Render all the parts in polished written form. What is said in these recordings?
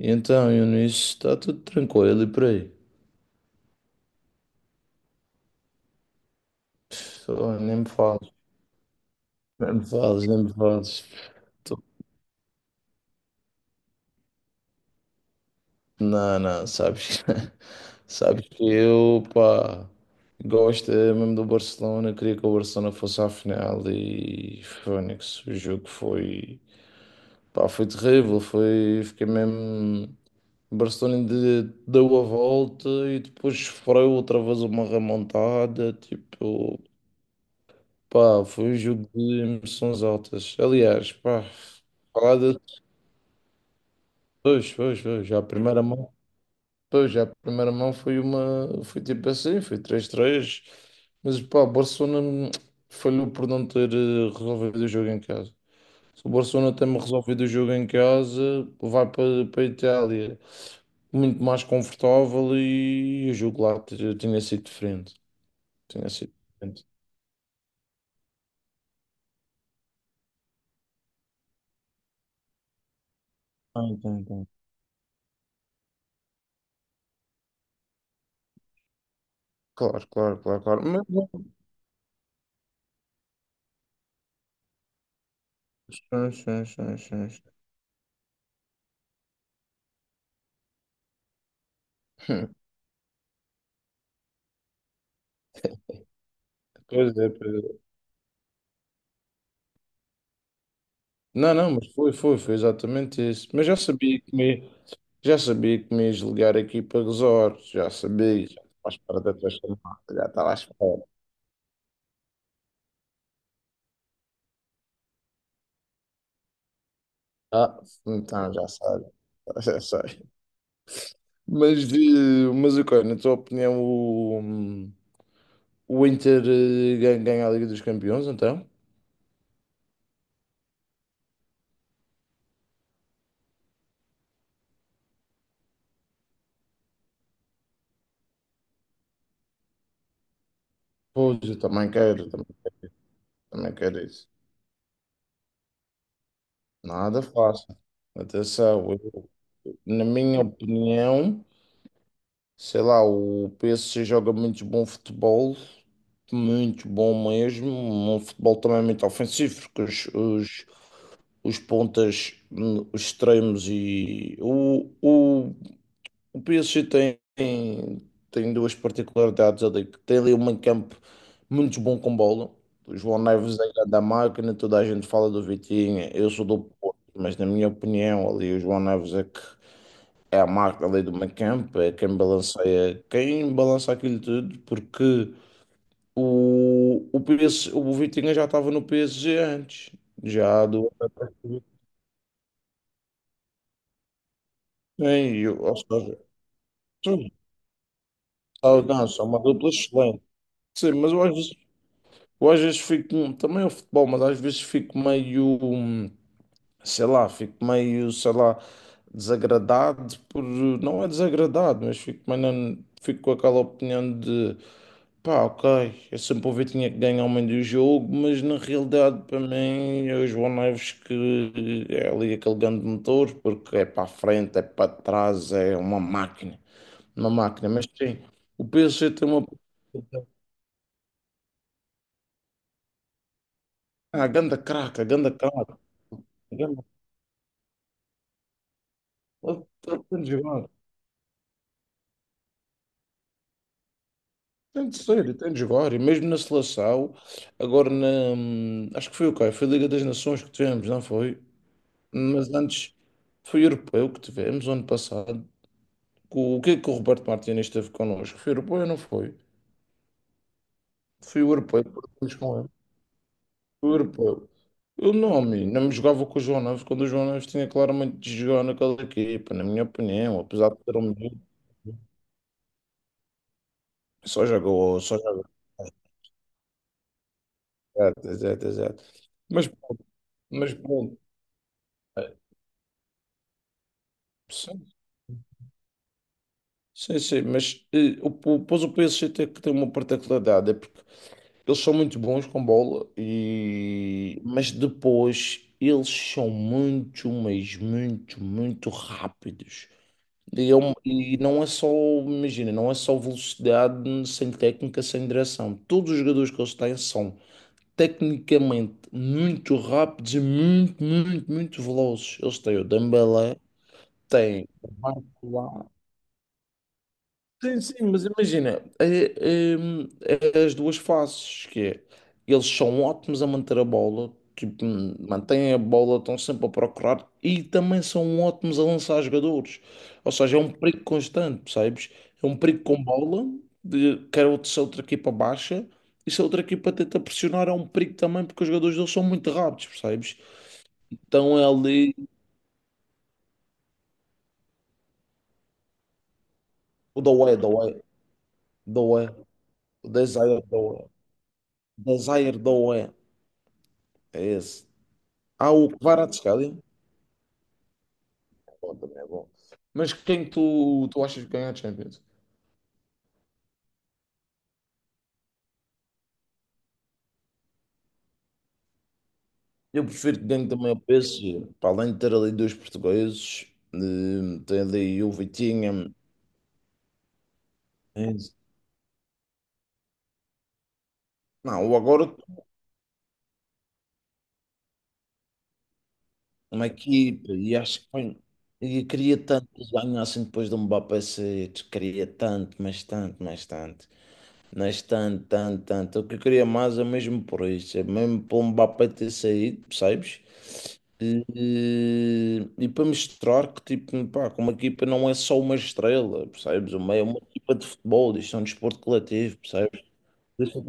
Então, Eunice, está tudo tranquilo e por aí? Pff, oh, nem me fales, nem me fales. Tô- Não, não, sabes, sabes que eu, pá, gosto mesmo do Barcelona, queria que o Barcelona fosse à final e Fónix, o jogo foi, pá, foi terrível, foi, fiquei mesmo, o deu a volta e depois sofreu outra vez uma remontada, tipo. Pá, foi um jogo de emoções altas. Aliás, pá, falar de. Pois, pois, pois, já a primeira mão. Pois, já a primeira mão foi uma. Foi tipo assim, foi três três. Mas, pá, o Barcelona falhou por não ter resolvido o jogo em casa. Se o Barcelona tem resolvido o jogo em casa, vai para, para a Itália muito mais confortável e o jogo lá tinha sido diferente. Tinha sido diferente. Ah, então, então. Claro, claro, claro, claro. Sim, sim, sim, sim, sim. Hum. Pois é, pois é. Não, não, mas foi, foi, foi exatamente isso. Já sabia que me ias ligar aqui para resorts, já sabia, já estava à espera da tua chamada, já estava à espera. Ah, então já sabe, já sei. Mas, de, mas ok, na tua opinião, o Inter ganha a Liga dos Campeões, então? Pois, eu também quero, também, também quero isso. Nada fácil. Atenção, eu- na minha opinião. Sei lá, o PSG joga muito bom futebol, muito bom mesmo. Um futebol também muito ofensivo, porque os pontas, os extremos e. O PSG tem, tem duas particularidades ali, que tem ali um meio-campo muito bom com bola. O João Neves é grande da máquina, toda a gente fala do Vitinho, eu sou do Porto, mas na minha opinião, ali o João Neves é que é a marca ali do Mancamp, é quem balanceia, quem balança aquilo tudo, porque o Vitinha já estava no PSG antes, já do. Sim, eu, ou seja, sim, sabe, não, são uma dupla excelente. Sim, eu às vezes fico, também é o futebol, mas às vezes fico meio, sei lá, fico meio, sei lá, desagradado por, não é desagradado, mas fico, meio, fico com aquela opinião de. Pá, ok. Eu sempre ouvi que tinha que ganhar o meio do jogo, mas na realidade, para mim, é o João Neves que é ali aquele grande motor, porque é para a frente, é para trás, é uma máquina. Uma máquina, mas sim, o PSG tem uma. Ah, ganda craca, ganda craca. Ganda. Ele tem de jogar. Tem de ser, ele tem de jogar. E mesmo na seleção, agora na. Acho que foi o quê? Foi a Liga das Nações que tivemos, não foi? Mas antes foi o europeu que tivemos ano passado. O que é que o Roberto Martínez esteve connosco? Foi europeu ou não foi? Foi o europeu, perdemos com ele. Foi o europeu. Eu não, amigo, não me jogava com o João Neves quando o João Neves tinha claramente de jogar naquela equipa, na minha opinião, apesar de ter um menino, só jogou, só jogou. Exato, exato, exato. Mas pronto, mas pronto. eh, Sim, sim, sim, mas pois o PSG tem que ter uma particularidade, é porque eles são muito bons com bola, e mas depois eles são muito, mas muito, muito rápidos. E não é só, imagina, não é só velocidade sem técnica, sem direção. Todos os jogadores que eles têm são tecnicamente muito rápidos e muito, muito, muito velozes. Eles têm o Dembélé, têm o Barcola. Sim, sim, mas imagina, é as duas faces, que é, eles são ótimos a manter a bola, tipo, mantêm a bola, estão sempre a procurar, e também são ótimos a lançar jogadores. Ou seja, é um perigo constante, percebes? É um perigo com bola, se a outra equipa baixa, e se a outra equipa tenta pressionar, é um perigo também, porque os jogadores deles são muito rápidos, percebes? Então é ali, o Doué, Doué, Doué, o Desire Doué, Desire Doué, é esse. Há o Kvaratskhelia. Bom, também é bom. Mas quem tu, tu achas que ganha a Champions? Eu prefiro que ganhe também o PSG. Para além de ter ali dois portugueses, tem ali o Vitinha. eh, Não, o agora uma equipa e acho que bem, e queria tanto que eles ganhassem depois do Mbappé sair. Queria tanto, mas tanto, mas tanto. Mas tanto, tanto, tanto. O que eu queria mais é mesmo por isso. É mesmo pelo Mbappé ter saído, percebes? E para mostrar que, tipo, pá, que uma equipa não é só uma estrela, percebes? Uma, é uma equipa de futebol, isto é um desporto coletivo, percebes? Deixa.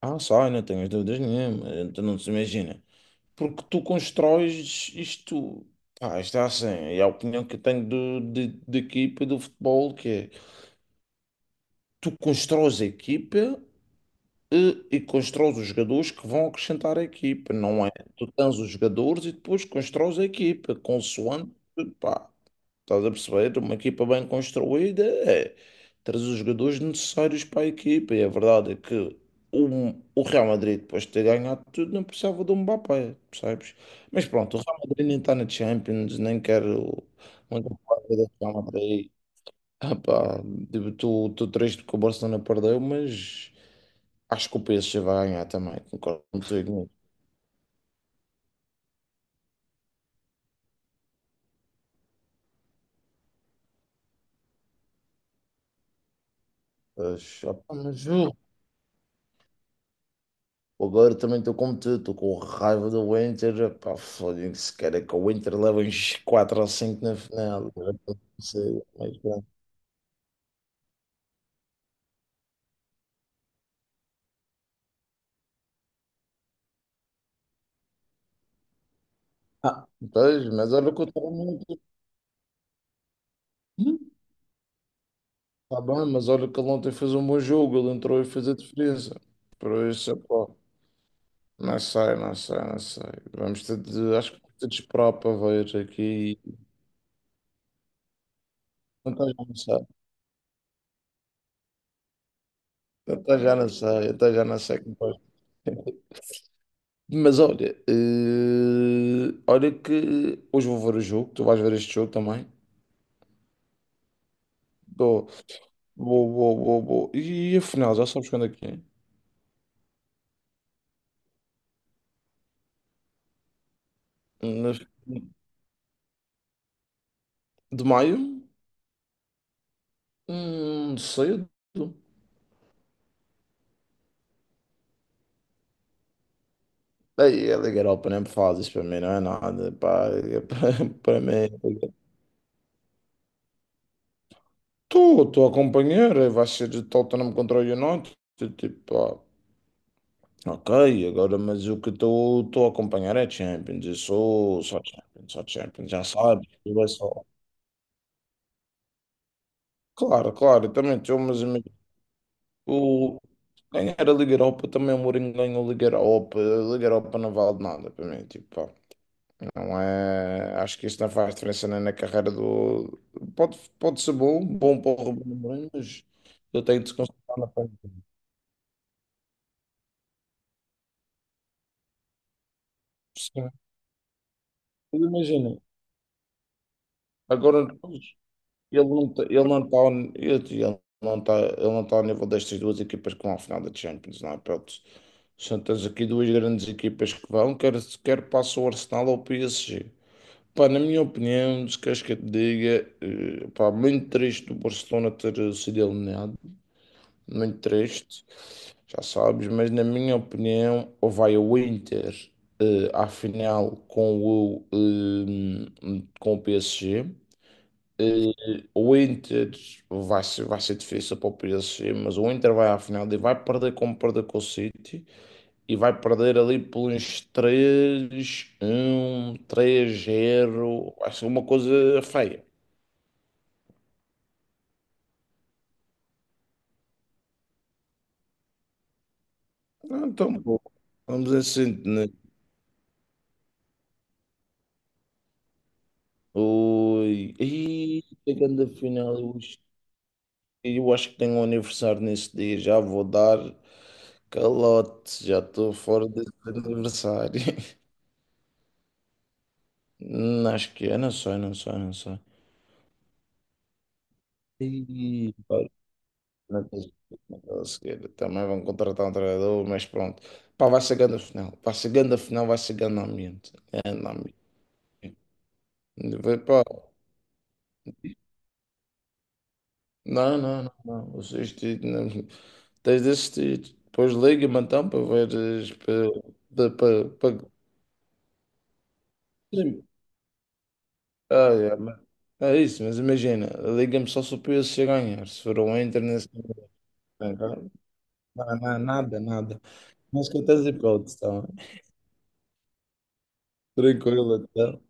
Ah, sai, não tenho dúvidas nenhuma, então não se imagina. Porque tu constróis isto, pá, isto é assim, é a opinião que eu tenho de equipa do futebol, que é, tu constróis a equipa e constróis os jogadores que vão acrescentar a equipa, não é? Tu tens os jogadores e depois constróis a equipa, consoante, pá. Estás a perceber? Uma equipa bem construída é trazer os jogadores necessários para a equipa. E a verdade é que o Real Madrid, depois de ter ganhado tudo, não precisava de um Mbappé, percebes? Mas pronto, o Real Madrid nem está na Champions, nem quero muito falar do Real Madrid. Ah pá, tipo, estou triste que o Barcelona perdeu, mas acho que o PSG vai ganhar também, concordo contigo. Mas, ah pá, mas o Agora também estou como tu, estou com raiva do Inter. Pá, foda-se, cara, que o Inter leva uns 4 ou 5 na final. Eu não sei, mas, pronto. Ah, pois, mas olha que eu estou muito. Está bem, mas olha que ele ontem fez um bom jogo, ele entrou e fez a diferença. Por isso, pá, não sei, não sei, não sei. Vamos ter de, acho que vamos ter de esperar para ver aqui. Até já não sei, até já não sei como vai. Mas olha, olha que hoje vou ver o jogo, tu vais ver este jogo também. Vou, vou. E afinal, já sabes quando é que é? Na- De maio? Cedo. Ei, a Liga Europa nem me faz isso para mim, não é nada. Pá, é para, para mim. Estou, estou a acompanhar, vai ser de Tottenham contra o United. Tipo, ah, ok, agora, mas o que estou a acompanhar é Champions. Eu sou só Champions, já sabes. Claro, claro, eu também sou, mas amigo, o ganhar a Liga Europa, também o Mourinho ganhou a Liga Europa não vale nada para mim, tipo, pá, não é, acho que isso não faz diferença nem na carreira do, pode, pode ser bom, bom para o Ruben Amorim, mas eu tenho de se concentrar na frente. Sim, imagina, agora. Ele não está, ele não está, ele não está, ele não está ao nível destas duas equipas que vão à final da Champions, não é? Pronto, tens aqui duas grandes equipas que vão, quer, quer passa o Arsenal ou o PSG. Pá, na minha opinião, se queres que eu te diga, pá, muito triste o Barcelona ter sido eliminado, muito triste, já sabes, mas na minha opinião, ou vai o Inter à final com com o PSG. O Inter vai ser difícil para o PSG, mas o Inter vai à final e vai perder como perdeu com o City e vai perder ali por uns 3-1, 3-0. Vai ser uma coisa feia. Ah, então, bom, vamos assim, né? Ui, e chegando à final, eu acho que tenho um aniversário nesse dia. Já vou dar calote, já estou fora desse aniversário. Não, acho que é, não sei, não sei, não sei. E, olha, não tens- não tens. Também vão contratar um treinador, mas pronto. Pá, vai chegando a final. Vai chegando a final, vai chegando ao ambiente. É, no ambiente. Vai, pá. Não, não, não, não. Tens de assistir. Depois liga-me então para veres. Para, para, para. Ah, é, é isso, mas imagina. Liga-me só se o PSG ganhar. Se for o Inter, nesse. Não, não, nada, nada. Mas que tens hipótese, tá? Tranquilo, então.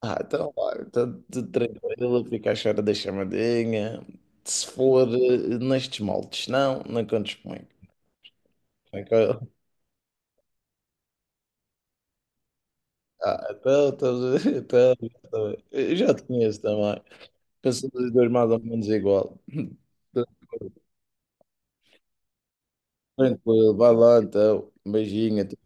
Ah, então, olha, está tudo tranquilo, fica à espera da chamadinha. Se for nestes moldes, não, não contes comigo. Ok? Ah, então, então, então, então, eu já te conheço também. Pensamos os dois mais ou menos igual. Tranquilo, vai lá então. Beijinho, até